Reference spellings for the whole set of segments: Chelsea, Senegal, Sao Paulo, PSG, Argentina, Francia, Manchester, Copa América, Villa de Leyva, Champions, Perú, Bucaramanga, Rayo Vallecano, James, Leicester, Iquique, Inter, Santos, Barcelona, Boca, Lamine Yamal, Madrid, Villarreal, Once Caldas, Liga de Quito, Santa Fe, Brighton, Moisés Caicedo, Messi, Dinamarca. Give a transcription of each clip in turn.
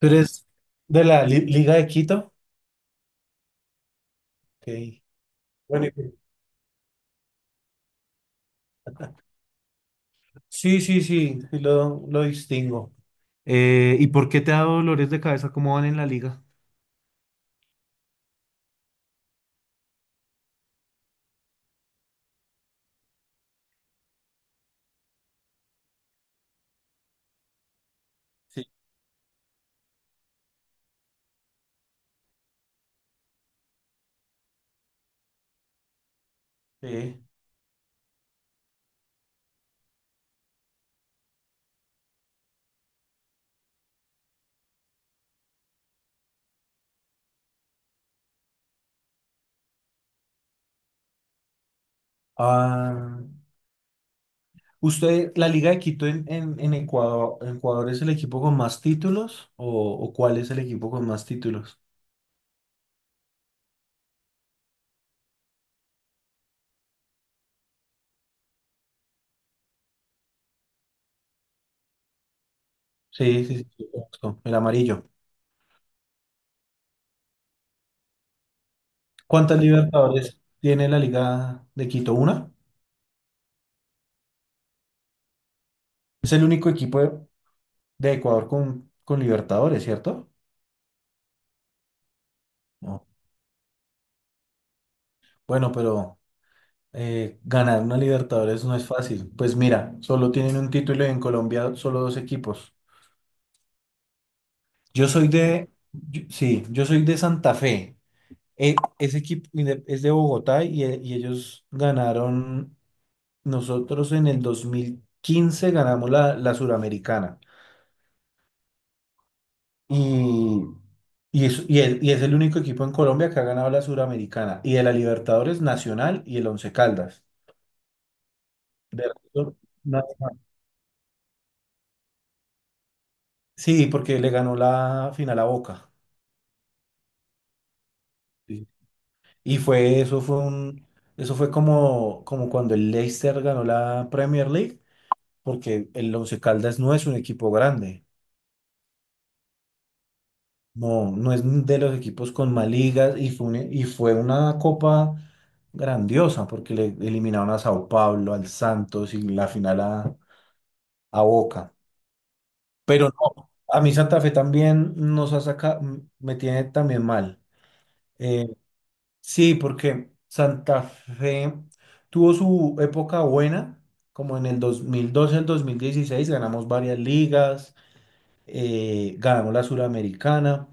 ¿Tú eres de la Liga de Quito? Ok. Bueno, sí, sí, sí, sí lo distingo. ¿Y por qué te ha dado dolores de cabeza? ¿Cómo van en la liga? Sí. Sí. Ah, ¿usted, la Liga de Quito en Ecuador, es el equipo con más títulos o cuál es el equipo con más títulos? Sí, sí, sí, sí, conozco, el amarillo. ¿Cuántas Libertadores tiene la Liga de Quito? ¿Una? Es el único equipo de Ecuador con Libertadores, ¿cierto? No. Bueno, pero ganar una Libertadores no es fácil. Pues mira, solo tienen un título y en Colombia solo dos equipos. Yo soy de, yo- Sí, yo soy de Santa Fe. Ese equipo es de Bogotá y ellos ganaron, nosotros en el 2015 ganamos la Suramericana. Y, y es el único equipo en Colombia que ha ganado la Suramericana. Y de la Libertadores Nacional y el Once Caldas. De resto. Sí, porque le ganó la final a Boca. Sí. Y fue, eso fue un, Eso fue como cuando el Leicester ganó la Premier League, porque el Once Caldas no es un equipo grande, no, no es de los equipos con más ligas y fue una copa grandiosa, porque le eliminaron a Sao Paulo, al Santos y la final a Boca. Pero no, a mí Santa Fe también nos ha sacado, me tiene también mal. Eh, Sí, porque Santa Fe tuvo su época buena, como en el 2012 al 2016, ganamos varias ligas, ganamos la Suramericana,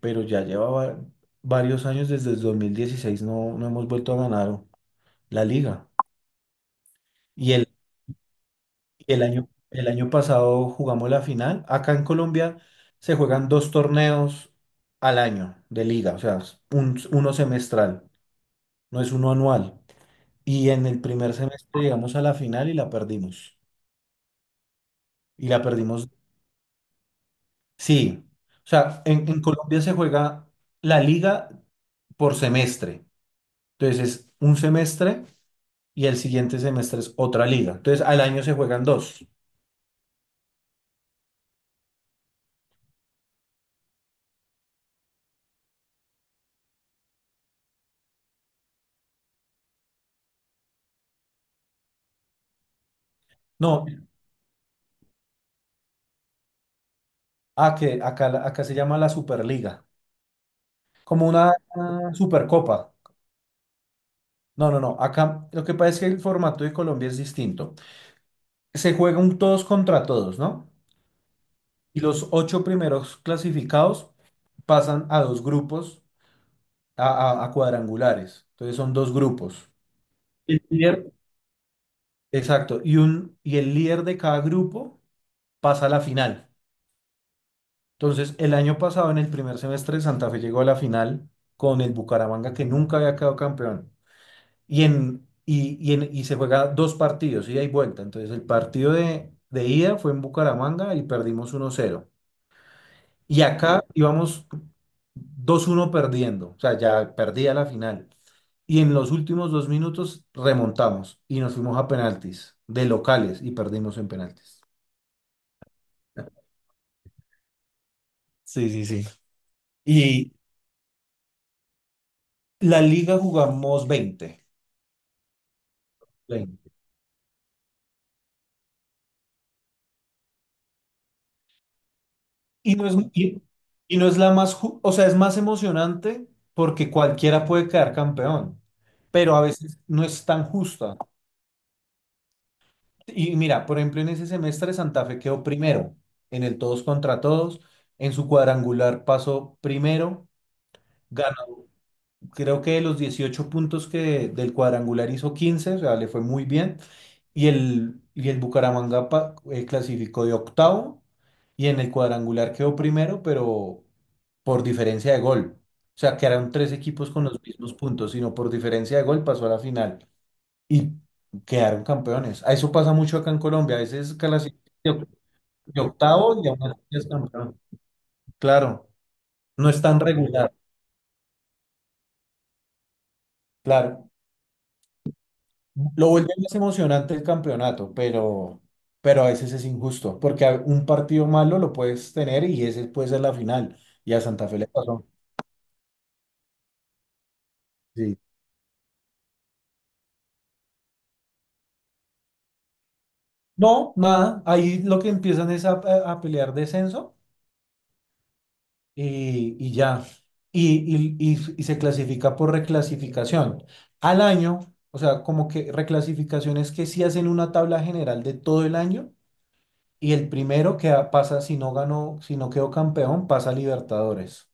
pero ya llevaba varios años desde el 2016, no, no hemos vuelto a ganar la liga. Y el, el año pasado jugamos la final. Acá en Colombia se juegan dos torneos al año de liga, o sea, uno semestral, no es uno anual. Y en el primer semestre llegamos a la final y la perdimos. Y la perdimos, sí. O sea, en Colombia se juega la liga por semestre. Entonces es un semestre y el siguiente semestre es otra liga. Entonces al año se juegan dos. No, que acá, acá se llama la Superliga, como una Supercopa. No, no, no. Acá lo que pasa es que el formato de Colombia es distinto. Se juega un todos contra todos, ¿no? Y los ocho primeros clasificados pasan a dos grupos, a, a cuadrangulares. Entonces son dos grupos. El líder. Exacto. Y el líder de cada grupo pasa a la final. Entonces, el año pasado, en el primer semestre, Santa Fe llegó a la final con el Bucaramanga, que nunca había quedado campeón. Y se juega dos partidos, ida y vuelta. Entonces, el partido de ida fue en Bucaramanga y perdimos 1-0. Y acá íbamos 2-1 perdiendo, o sea, ya perdía la final. Y en los últimos 2 minutos remontamos y nos fuimos a penaltis de locales y perdimos en penaltis. Sí, sí, sí. Y la liga jugamos veinte. Y no es, y, y no es la más, o sea, es más emocionante porque cualquiera puede quedar campeón, pero a veces no es tan justa. Y mira, por ejemplo, en ese semestre Santa Fe quedó primero en el todos contra todos. En su cuadrangular pasó primero. Ganó, creo que de los 18 puntos que del cuadrangular hizo 15, o sea, le fue muy bien. Y el Bucaramanga clasificó de octavo y en el cuadrangular quedó primero, pero por diferencia de gol. O sea, que eran tres equipos con los mismos puntos, sino por diferencia de gol pasó a la final y quedaron campeones. A eso pasa mucho acá en Colombia. A veces clasifican de octavo y aún así es campeón. Claro, no es tan regular. Claro, lo vuelve más emocionante el campeonato, pero a veces es injusto, porque un partido malo lo puedes tener y ese puede ser la final. Y a Santa Fe le pasó. Sí. No, nada, ahí lo que empiezan es a, a pelear descenso y ya. Y se clasifica por reclasificación. Al año, o sea, como que reclasificaciones que sí hacen una tabla general de todo el año y el primero que pasa, si no ganó, si no quedó campeón, pasa a Libertadores.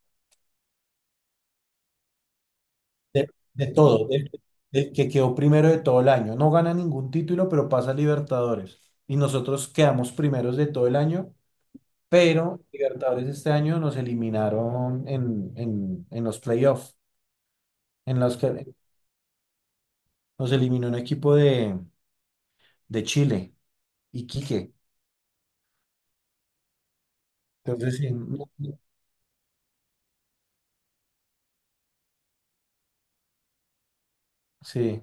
De todo, del que quedó primero de todo el año. No gana ningún título, pero pasa a Libertadores. Y nosotros quedamos primeros de todo el año, pero Libertadores este año nos eliminaron en los playoffs, en los que... Nos eliminó un equipo de Chile, Iquique. Entonces, sí. Sí.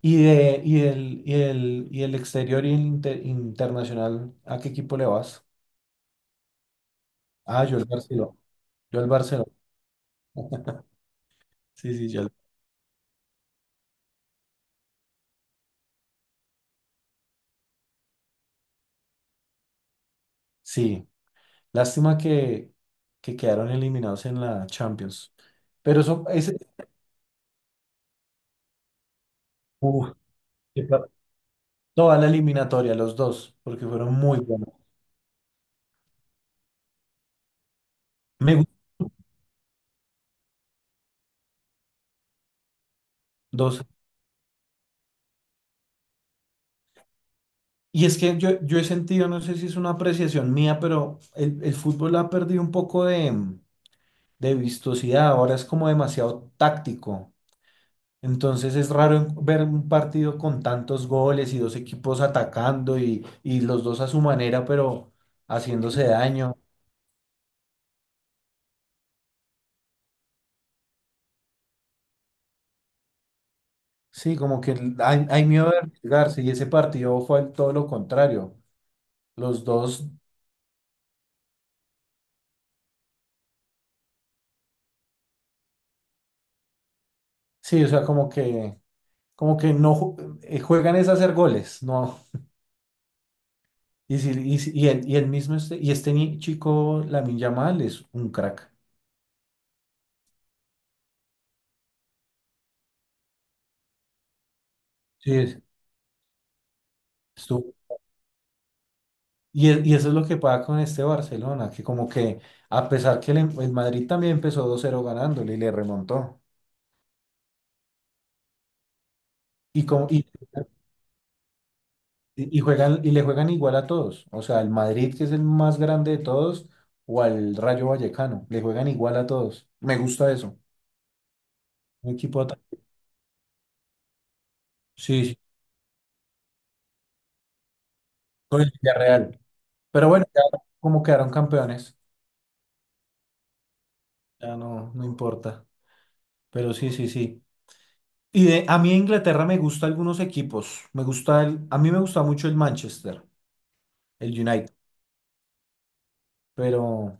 Y, de, y, del, y, del, y del exterior y el internacional, ¿a qué equipo le vas? Ah, yo al Barcelona. Yo al Barcelona. Sí, sí, sí. Lástima que quedaron eliminados en la Champions. Pero eso, ese, uf, qué par- toda la eliminatoria, los dos, porque fueron muy buenos. Me gustó. Y es que yo he sentido, no sé si es una apreciación mía, pero el fútbol ha perdido un poco de vistosidad, ahora es como demasiado táctico. Entonces es raro ver un partido con tantos goles y dos equipos atacando y los dos a su manera, pero haciéndose daño. Sí, como que hay miedo de arriesgarse y ese partido fue todo lo contrario. Los dos, sí, o sea, como que no juegan es a hacer goles, no. Y el mismo este, y este chico, Lamine Yamal, es un crack. Sí, estuvo- y eso es lo que pasa con este Barcelona, que como que a pesar que el Madrid también empezó 2-0 ganándole y le remontó. Y, como, y juegan, y le juegan igual a todos. O sea, al Madrid, que es el más grande de todos, o al Rayo Vallecano, le juegan igual a todos. Me gusta eso. Un equipo ata- Sí, sí, con el Villarreal. Pero bueno, ya como quedaron campeones, ya no, no importa. Pero sí, sí, sí. A mí en Inglaterra me gustan algunos equipos. Me gusta a mí me gusta mucho el Manchester, el United. Pero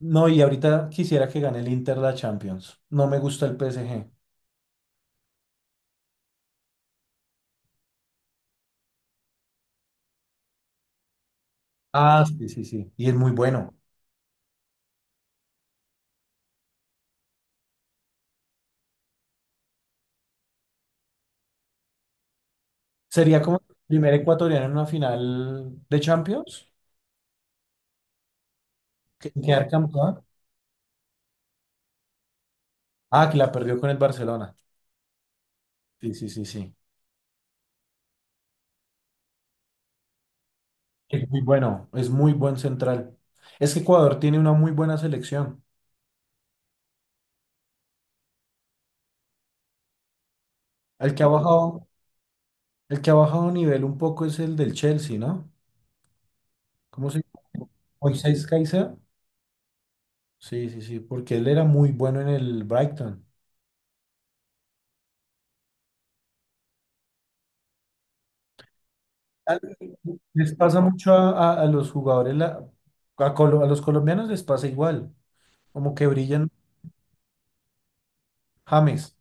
no, y ahorita quisiera que gane el Inter la Champions. No me gusta el PSG. Ah, sí, sí, sí. Y es muy bueno. Sería como el primer ecuatoriano en una final de Champions. Quedar campeón. Ah, que la perdió con el Barcelona. Sí, sí, sí, sí. Es muy bueno, es muy buen central. Es que Ecuador tiene una muy buena selección. El que ha bajado El que ha bajado nivel un poco es el del Chelsea, ¿no? ¿Cómo se llama? Moisés Caicedo. Sí, sí, sí, porque él era muy bueno en el Brighton. Al- Les pasa mucho a, a los jugadores, a los colombianos les pasa igual, como que brillan, James,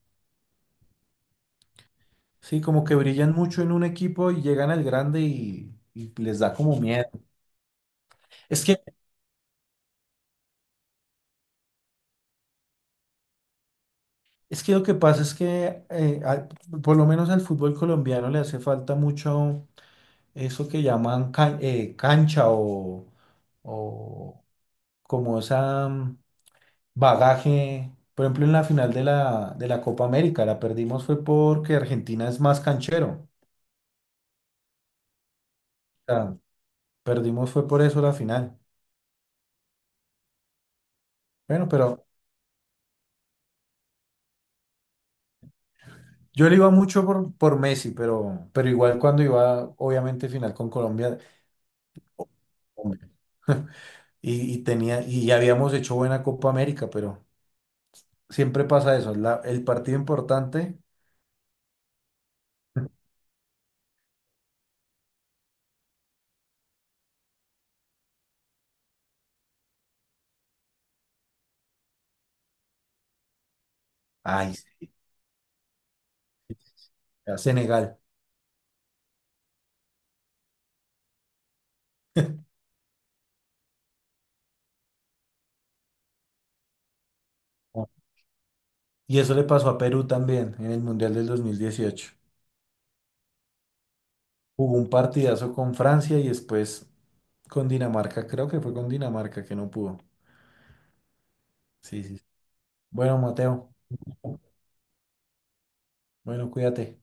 sí, como que brillan mucho en un equipo y llegan al grande y les da como miedo. Es que, es que lo que pasa es que por lo menos al fútbol colombiano le hace falta mucho. Eso que llaman cancha o como esa bagaje. Por ejemplo, en la final de la Copa América la perdimos fue porque Argentina es más canchero. O sea, perdimos fue por eso la final. Bueno, pero yo le iba mucho por Messi, pero igual cuando iba, obviamente, final con Colombia, hombre. Y ya habíamos hecho buena Copa América, pero siempre pasa eso. El partido importante, ay, sí, a Senegal. Ah. Y eso le pasó a Perú también en el Mundial del 2018. Jugó un partidazo con Francia y después con Dinamarca. Creo que fue con Dinamarca que no pudo. Sí, sí. Sí. Bueno, Mateo. Bueno, cuídate.